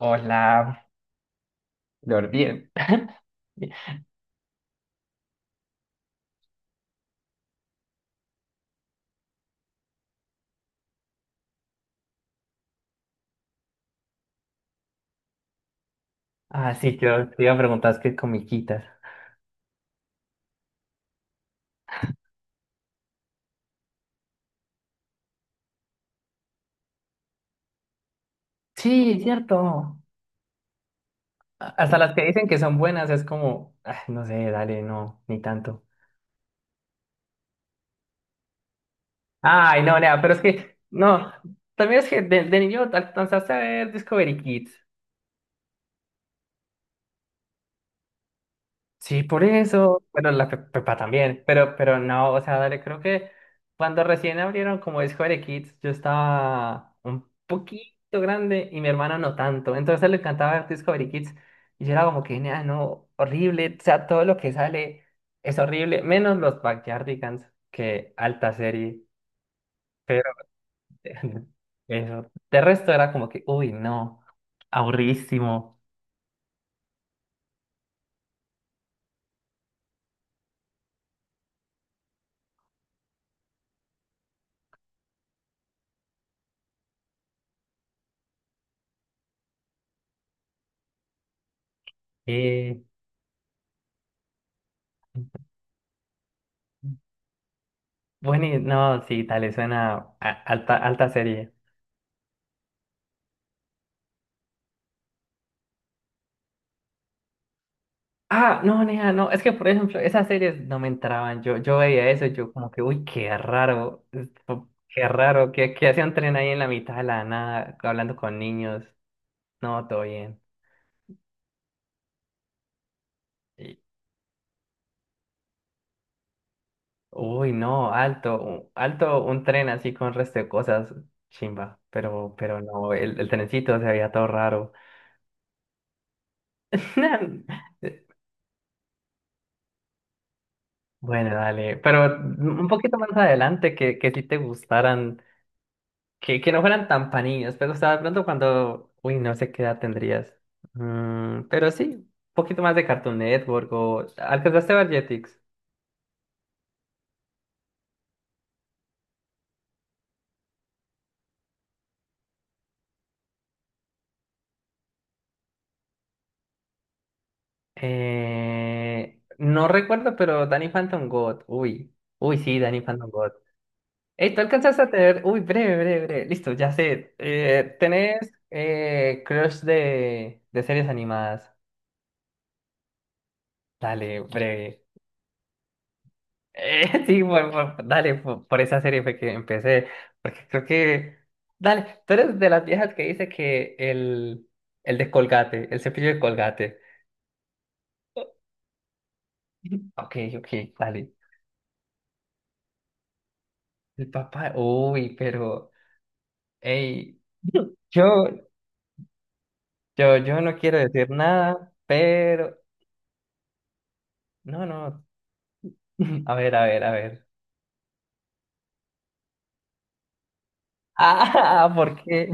Hola, Lord, bien. Ah, sí, yo te iba a preguntar es que comiquitas. Sí, cierto. Hasta las que dicen que son buenas es como, ah, no sé, dale, no, ni tanto. Ay, no, nea, pero es que, no, también es que de niño alcanzaste a ver Discovery Kids. Sí, por eso. Bueno, la Pepa también, pero no, o sea, dale, creo que cuando recién abrieron como Discovery Kids, yo estaba un poquito grande y mi hermano no tanto. Entonces a él le encantaba ver Discovery Kids y yo era como que, "Nah, no, horrible, o sea, todo lo que sale es horrible, menos los Backyardigans, que alta serie, pero eso. De resto era como que, uy, no, aburridísimo. Eh, Bueno, no, sí, dale, suena alta, alta serie. Ah, no, nea, no, es que por ejemplo, esas series no me entraban. Yo veía eso, y yo como que, uy, qué raro, esto, qué raro, que hace un tren ahí en la mitad de la nada, hablando con niños. No, todo bien. Y, uy, no, alto, alto, un tren así con resto de cosas, chimba. Pero no, el trencito se veía todo raro. Bueno, dale, pero un poquito más adelante que si te gustaran. Que no fueran tan pa' niños, pero o sea, de pronto cuando, uy, no sé qué edad tendrías. Mm, pero sí, un poquito más de Cartoon Network o... ¿Alcanzaste a ver Jetix? No recuerdo, pero Danny Phantom God. Uy, uy, sí, Danny Phantom God. Ey, ¿tú alcanzaste a tener? Uy, breve, breve, breve. Listo, ya sé. ¿Tenés crush de series animadas? Dale, breve. Sí, dale, por esa serie fue que empecé, porque creo que, dale, tú eres de las viejas que dice que el de Colgate, el cepillo de Colgate. Ok, ok, dale. El papá, uy, pero, hey, yo, yo no quiero decir nada, pero, no, no, a ver, a ver, a ver. Ah, ¿por qué?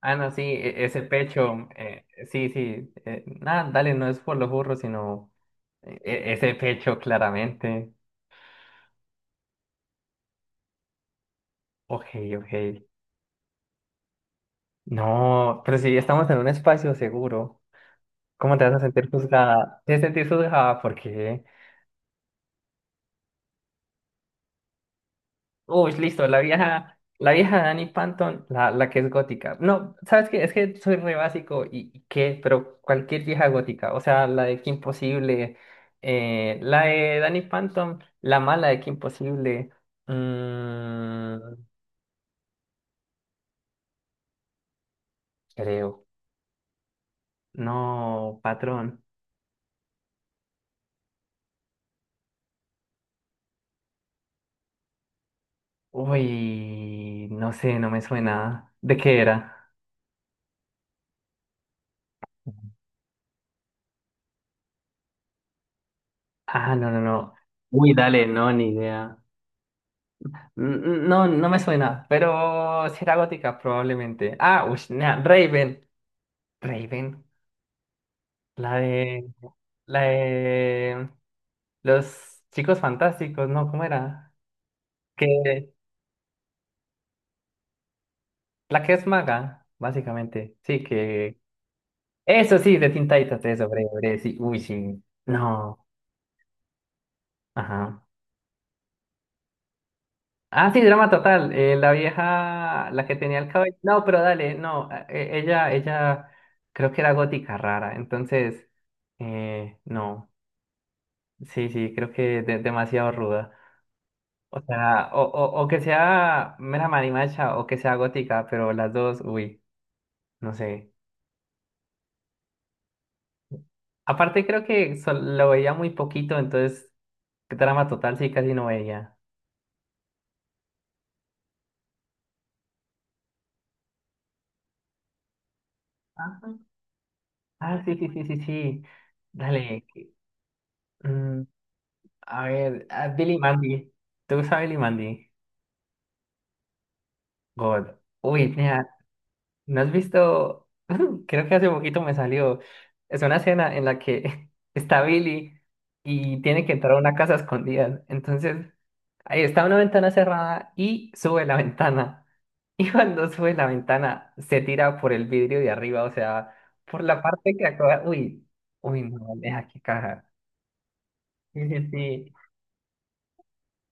Ah, no, sí, ese pecho, sí, sí, nada, dale, no es por los burros, sino ese pecho claramente. Ok, ok. No, pero si estamos en un espacio seguro, ¿cómo te vas a sentir juzgada? Te vas a sentir juzgada porque, uy, listo, la vieja Danny phantom la que es gótica. No, ¿sabes qué? Es que soy re básico y qué, pero cualquier vieja gótica, o sea, la de Kim Possible, la de Danny phantom la mala de Kim Possible, mm, creo. No, patrón. Uy, no sé, no me suena. ¿De qué era? Ah, no, no, no. Uy, dale, no, ni idea. Mm, no, no me suena, pero si era gótica, probablemente. Ah, uy, nah, Raven. Raven, la de, la de los chicos fantásticos, ¿no? ¿Cómo era? Que, la que es maga, básicamente. Sí, que, eso sí, de Teen Titans, eso, breve, breve, sí. Uy, sí. No, ajá. Ah, sí, drama total. La vieja, la que tenía el cabello. No, pero dale, no. Ella creo que era gótica rara. Entonces, no. Sí, sí, creo que demasiado ruda. O sea, o que sea mera marimacha o que sea gótica, pero las dos, uy, no sé. Aparte, creo que lo veía muy poquito, entonces, drama total sí casi no veía. Ajá. Ah, sí, sí, sí, sí, sí. Dale. A ver, a Billy Mandy. ¿Te gusta Billy Mandy? God. Uy, mira, ¿no has visto? Creo que hace poquito me salió. Es una escena en la que está Billy y tiene que entrar a una casa escondida. Entonces, ahí está una ventana cerrada y sube la ventana. Y cuando sube la ventana, se tira por el vidrio de arriba, o sea, por la parte que acaba. Uy, uy, no, deja que caja. Sí, sí, sí.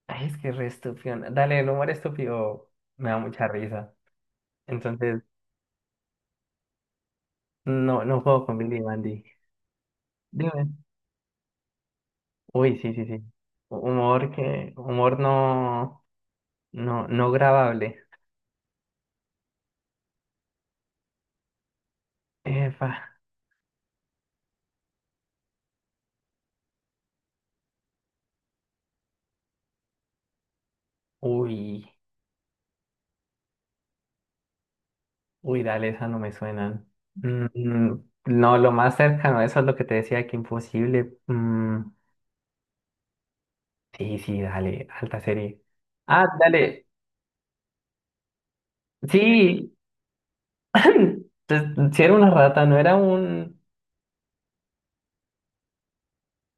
Ay, es que es re estúpido. Dale, el humor estúpido me da mucha risa. Entonces, no, no puedo con Billy Mandy. Dime. Uy, sí, sí, sí. Humor que, humor no, no, no grabable. Epa. Uy, uy, dale, esas no me suenan. Mm, no, lo más cercano, eso es lo que te decía, que imposible. Mm, sí, sí, dale, alta serie. Ah, dale, sí. Entonces, si era una rata, no era un...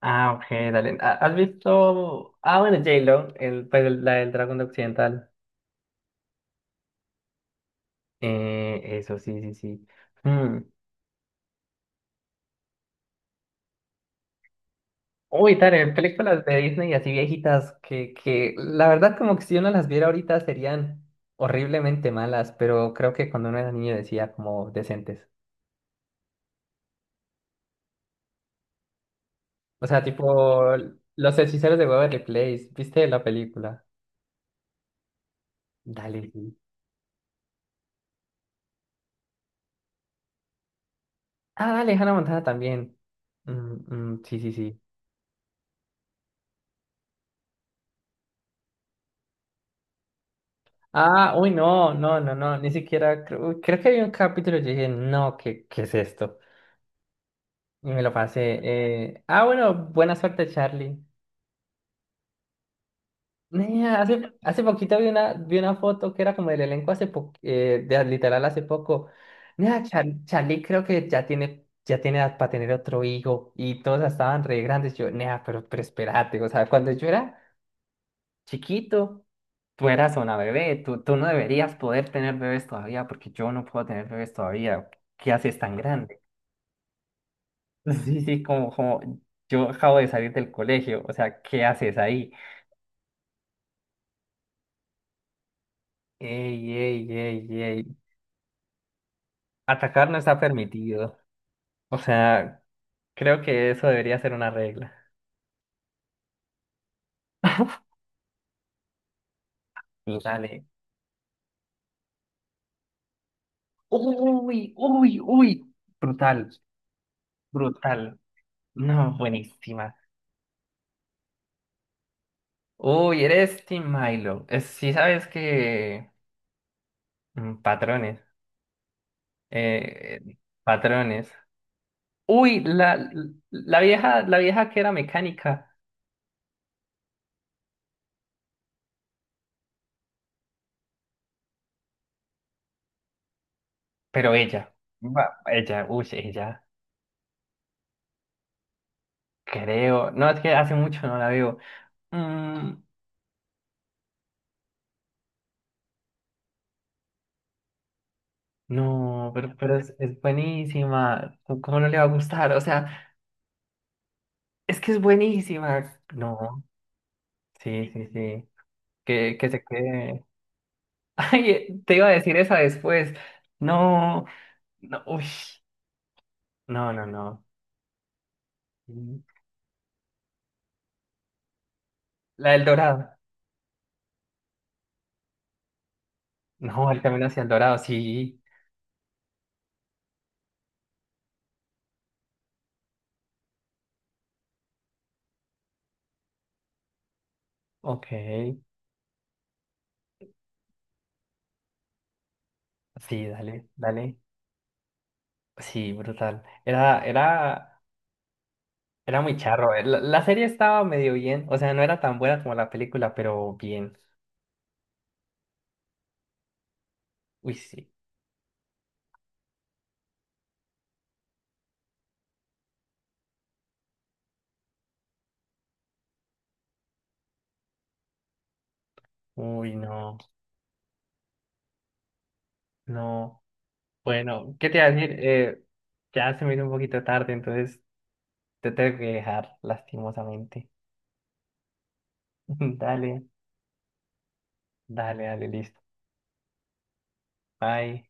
Ah, ok, dale. Ah, ¿has visto? Ah, bueno, J-Lo, el, pues la del Dragón de Occidental. Eso, sí, sí, sí. Mm. Uy, dale, películas de Disney así viejitas que la verdad como que si uno las viera ahorita serían horriblemente malas, pero creo que cuando uno era niño decía como decentes. O sea, tipo Los Hechiceros de Waverly Place, ¿viste la película? Dale, sí. Ah, dale, Hannah Montana también. Mm, mm, sí, sí, sí. Ah, uy, no, no, no, no, ni siquiera, creo, uy, creo que había un capítulo y yo dije, no, ¿qué, qué es esto? Y me lo pasé. Ah, bueno, buena suerte, Charlie. Nea, hace poquito vi una foto que era como del elenco de literal hace poco. Nea, Charlie creo que ya tiene edad para tener otro hijo y todos estaban re grandes. Yo, nea, pero espérate, o sea, cuando yo era chiquito, tú eras una bebé, tú no deberías poder tener bebés todavía porque yo no puedo tener bebés todavía. ¿Qué haces tan grande? Sí, sí, como, como yo acabo de salir del colegio, o sea, ¿qué haces ahí? Ey, ey, ey, ey. Atacar no está permitido. O sea, creo que eso debería ser una regla. Y dale. Uy, uy, uy. Brutal, brutal. No, buenísima. Uy, eres Team Milo. Sí sabes que mm, patrones. Eh, eh, Patrones. Uy, la, la vieja que era mecánica, pero ella. Ella, uy, ella. Creo. No, es que hace mucho no la veo. Mm, no, pero es buenísima. ¿Cómo cómo no le va a gustar? O sea, es que es buenísima. No, sí, sí, sí. Que se quede. Ay, te iba a decir esa después. No, no, uy. No, no, no. Mm, la del Dorado. No, el camino hacia el dorado, sí. Ok. Sí, dale, dale. Sí, brutal. Era, era, era muy charro. La, la serie estaba medio bien. O sea, no era tan buena como la película, pero bien. Uy, sí. Uy, no, no. Bueno, ¿qué te iba a decir? Ya se me hizo un poquito tarde, entonces te tengo que dejar, lastimosamente. Dale, dale, dale, listo. Bye.